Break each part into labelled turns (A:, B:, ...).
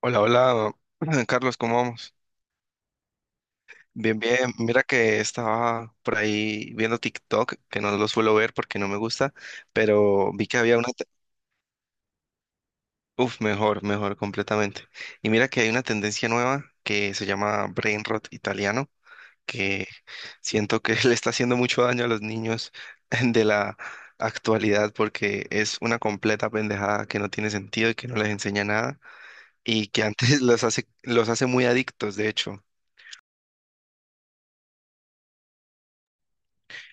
A: Hola, hola, Carlos, ¿cómo vamos? Bien, bien. Mira que estaba por ahí viendo TikTok, que no lo suelo ver porque no me gusta, pero vi que había una... te- Uf, mejor, mejor, completamente. Y mira que hay una tendencia nueva que se llama brain rot italiano, que siento que le está haciendo mucho daño a los niños de la actualidad porque es una completa pendejada que no tiene sentido y que no les enseña nada y que antes los hace muy adictos, de hecho.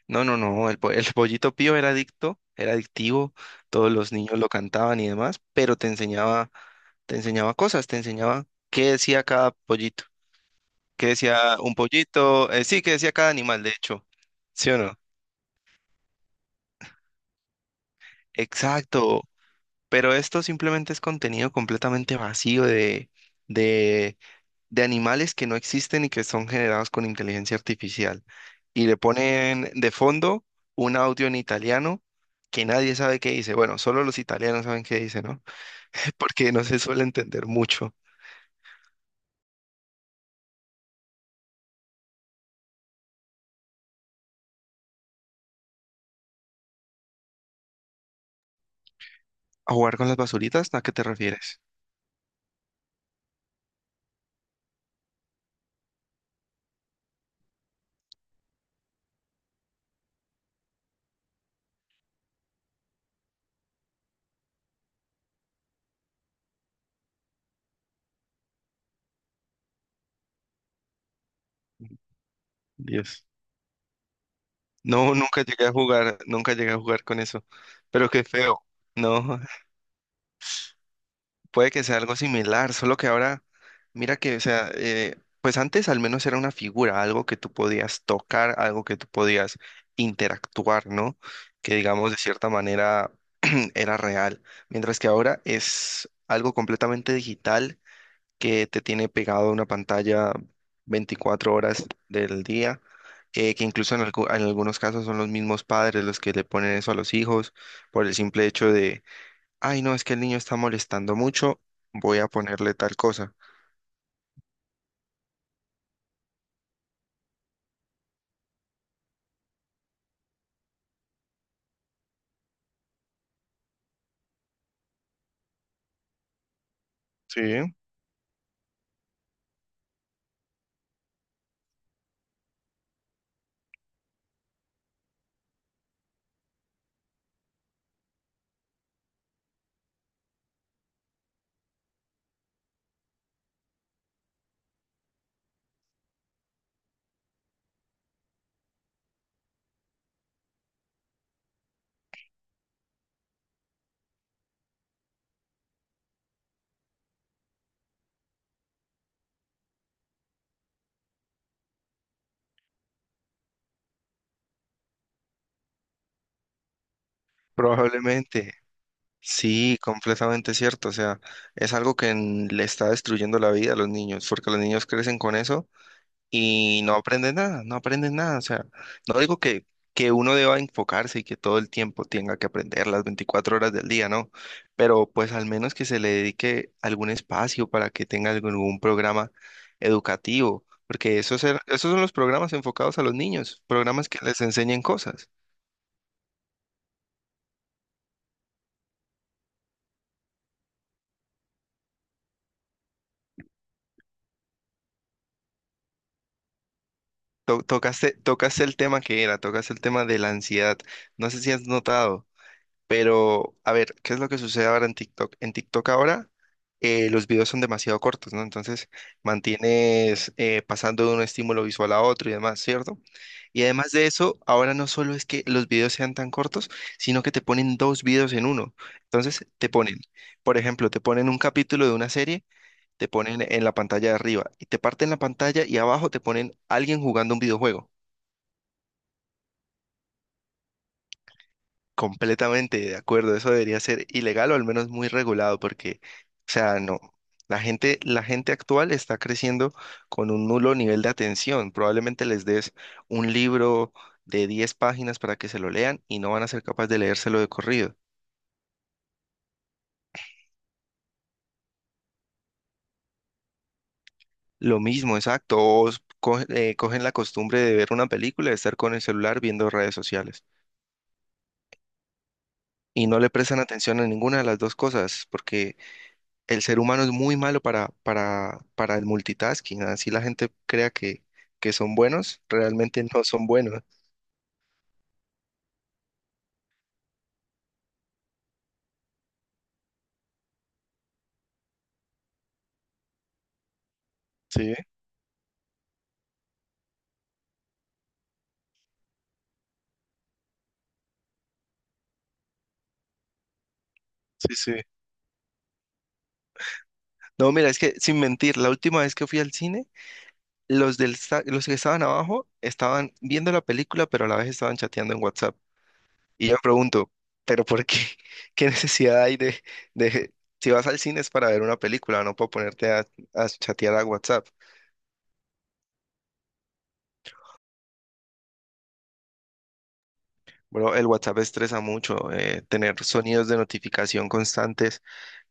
A: No, no, no, el Pollito Pío era adicto, era adictivo, todos los niños lo cantaban y demás, pero te enseñaba cosas, te enseñaba qué decía cada pollito, qué decía un pollito, sí, qué decía cada animal, de hecho, ¿sí o no? Exacto, pero esto simplemente es contenido completamente vacío de de animales que no existen y que son generados con inteligencia artificial. Y le ponen de fondo un audio en italiano que nadie sabe qué dice. Bueno, solo los italianos saben qué dice, ¿no? Porque no se suele entender mucho. ¿A jugar con las basuritas? ¿A qué te refieres? Dios. No, nunca llegué a jugar, nunca llegué a jugar con eso. Pero qué feo. No, puede que sea algo similar, solo que ahora, mira que, o sea, pues antes al menos era una figura, algo que tú podías tocar, algo que tú podías interactuar, ¿no? Que digamos de cierta manera era real, mientras que ahora es algo completamente digital que te tiene pegado a una pantalla 24 horas del día, que incluso en algunos casos son los mismos padres los que le ponen eso a los hijos por el simple hecho ay, no, es que el niño está molestando mucho, voy a ponerle tal cosa. Sí, probablemente. Sí, completamente cierto. O sea, es algo que le está destruyendo la vida a los niños, porque los niños crecen con eso y no aprendes nada, no aprendes nada. O sea, no digo que, uno deba enfocarse y que todo el tiempo tenga que aprender las 24 horas del día, ¿no? Pero pues al menos que se le dedique algún espacio para que tenga algún programa educativo, porque esos son los programas enfocados a los niños, programas que les enseñen cosas. Tocaste el tema de la ansiedad. No sé si has notado. Pero, a ver, ¿qué es lo que sucede ahora en TikTok? En TikTok ahora los videos son demasiado cortos, ¿no? Entonces mantienes pasando de un estímulo visual a otro y demás, ¿cierto? Y además de eso, ahora no solo es que los videos sean tan cortos, sino que te ponen dos videos en uno. Entonces te ponen, por ejemplo, te ponen un capítulo de una serie, te ponen en la pantalla de arriba y te parten la pantalla y abajo te ponen alguien jugando un videojuego. Completamente de acuerdo, eso debería ser ilegal o al menos muy regulado porque, o sea, no, la gente actual está creciendo con un nulo nivel de atención. Probablemente les des un libro de 10 páginas para que se lo lean y no van a ser capaces de leérselo de corrido. Lo mismo, exacto, cogen la costumbre de ver una película, de estar con el celular viendo redes sociales y no le prestan atención a ninguna de las dos cosas porque el ser humano es muy malo para el multitasking. Así la gente crea que son buenos, realmente no son buenos. Sí, sí, sí. No, mira, es que sin mentir, la última vez que fui al cine, los que estaban abajo estaban viendo la película, pero a la vez estaban chateando en WhatsApp. Y yo me pregunto, ¿pero por qué? ¿Qué necesidad hay de, de… Si vas al cine es para ver una película, no para ponerte a chatear a WhatsApp. Bro, el WhatsApp estresa mucho, tener sonidos de notificación constantes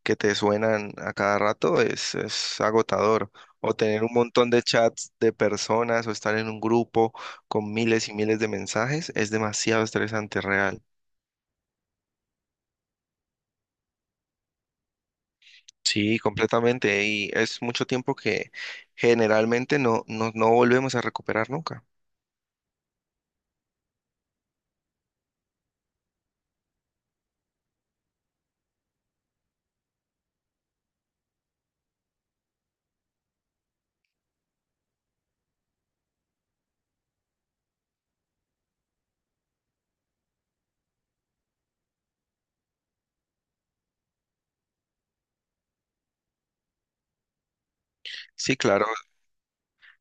A: que te suenan a cada rato es agotador. O tener un montón de chats de personas o estar en un grupo con miles y miles de mensajes es demasiado estresante, real. Sí, completamente. Y es mucho tiempo que generalmente no volvemos a recuperar nunca. Sí, claro.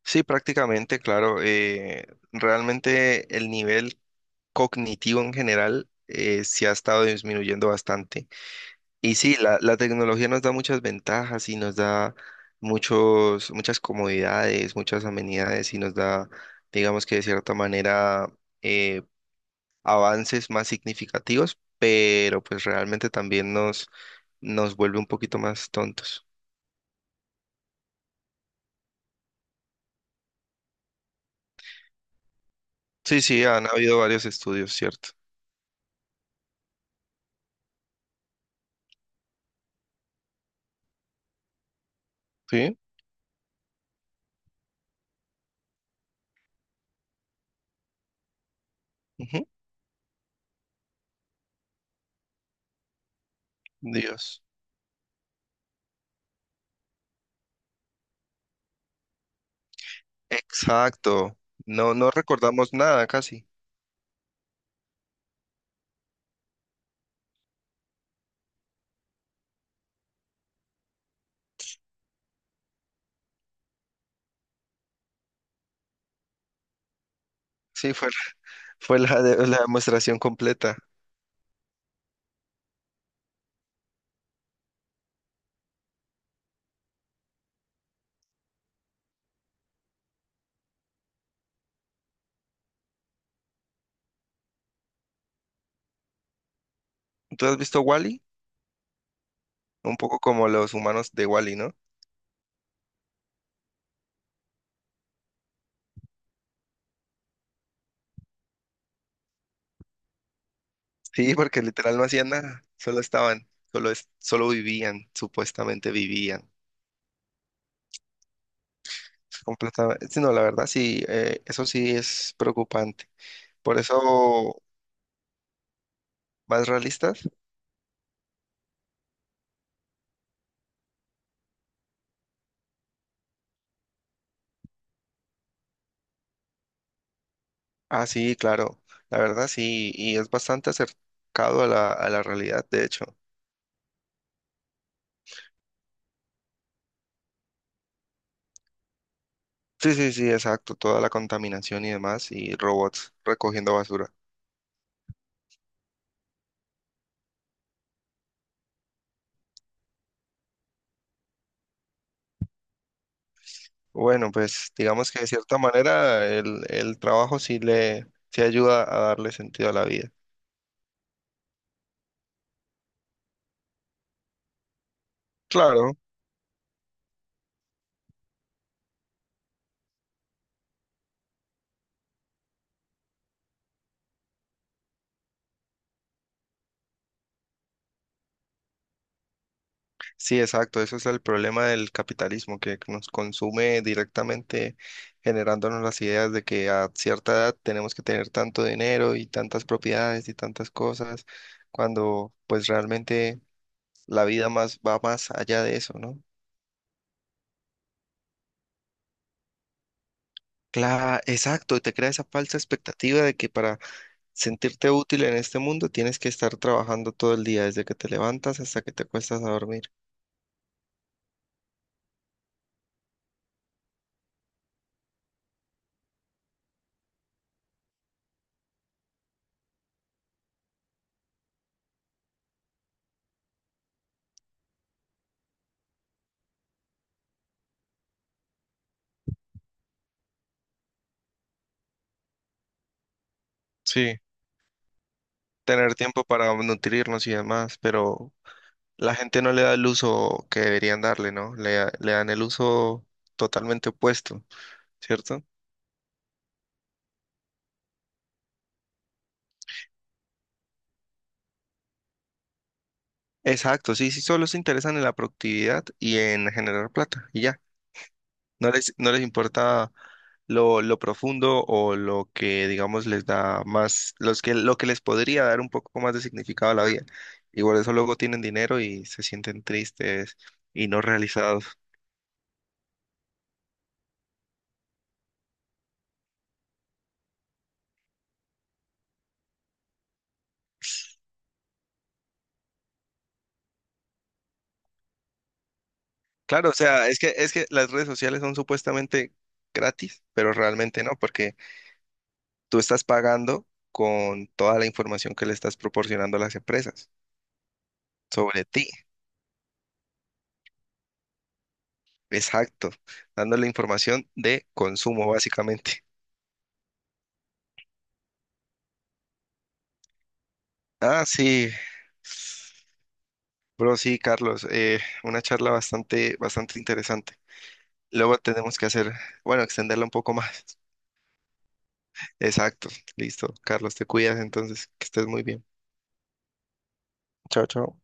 A: Sí, prácticamente, claro. Realmente el nivel cognitivo en general sí ha estado disminuyendo bastante. Y sí, la tecnología nos da muchas ventajas y nos da muchos, muchas comodidades, muchas amenidades y nos da, digamos que de cierta manera, eh, avances más significativos, pero pues realmente también nos vuelve un poquito más tontos. Sí, sí, han habido varios estudios, ¿cierto? Sí. Ujú, Dios. Exacto. No, no recordamos nada casi. Sí, fue la demostración completa. ¿Tú has visto wall Un poco como los humanos de Wall-E, ¿no? Sí, porque literal no hacían nada, solo estaban, solo, es- solo vivían, supuestamente vivían. Completamente. Sí, no, la verdad sí, eso sí es preocupante. Por eso, ¿más realistas? Ah, sí, claro, la verdad sí, y es bastante acercado a la realidad, de hecho. Sí, sí, sí, exacto, toda la contaminación y demás, y robots recogiendo basura. Bueno, pues digamos que de cierta manera el trabajo sí le sí ayuda a darle sentido a la vida. Claro, sí, exacto. Eso es el problema del capitalismo, que nos consume directamente generándonos las ideas de que a cierta edad tenemos que tener tanto dinero y tantas propiedades y tantas cosas, cuando pues realmente la vida más va más allá de eso, ¿no? Claro, exacto. Y te crea esa falsa expectativa de que para sentirte útil en este mundo, tienes que estar trabajando todo el día, desde que te levantas hasta que te acuestas a dormir. Sí, tener tiempo para nutrirnos y demás, pero la gente no le da el uso que deberían darle, ¿no? Le dan el uso totalmente opuesto, ¿cierto? Exacto, sí, sí, solo se interesan en la productividad y en generar plata, y ya. No les importa lo profundo o lo que, digamos, les da más, los que, lo que les podría dar un poco más de significado a la vida. Y por eso luego tienen dinero y se sienten tristes y no realizados. Claro, o sea, es que las redes sociales son supuestamente gratis, pero realmente no, porque tú estás pagando con toda la información que le estás proporcionando a las empresas sobre ti. Exacto, dándole información de consumo, básicamente. Ah, sí, bro, sí, Carlos, una charla bastante, bastante interesante. Luego tenemos que hacer, bueno, extenderla un poco más. Exacto, listo. Carlos, te cuidas entonces, que estés muy bien. Chao, chao.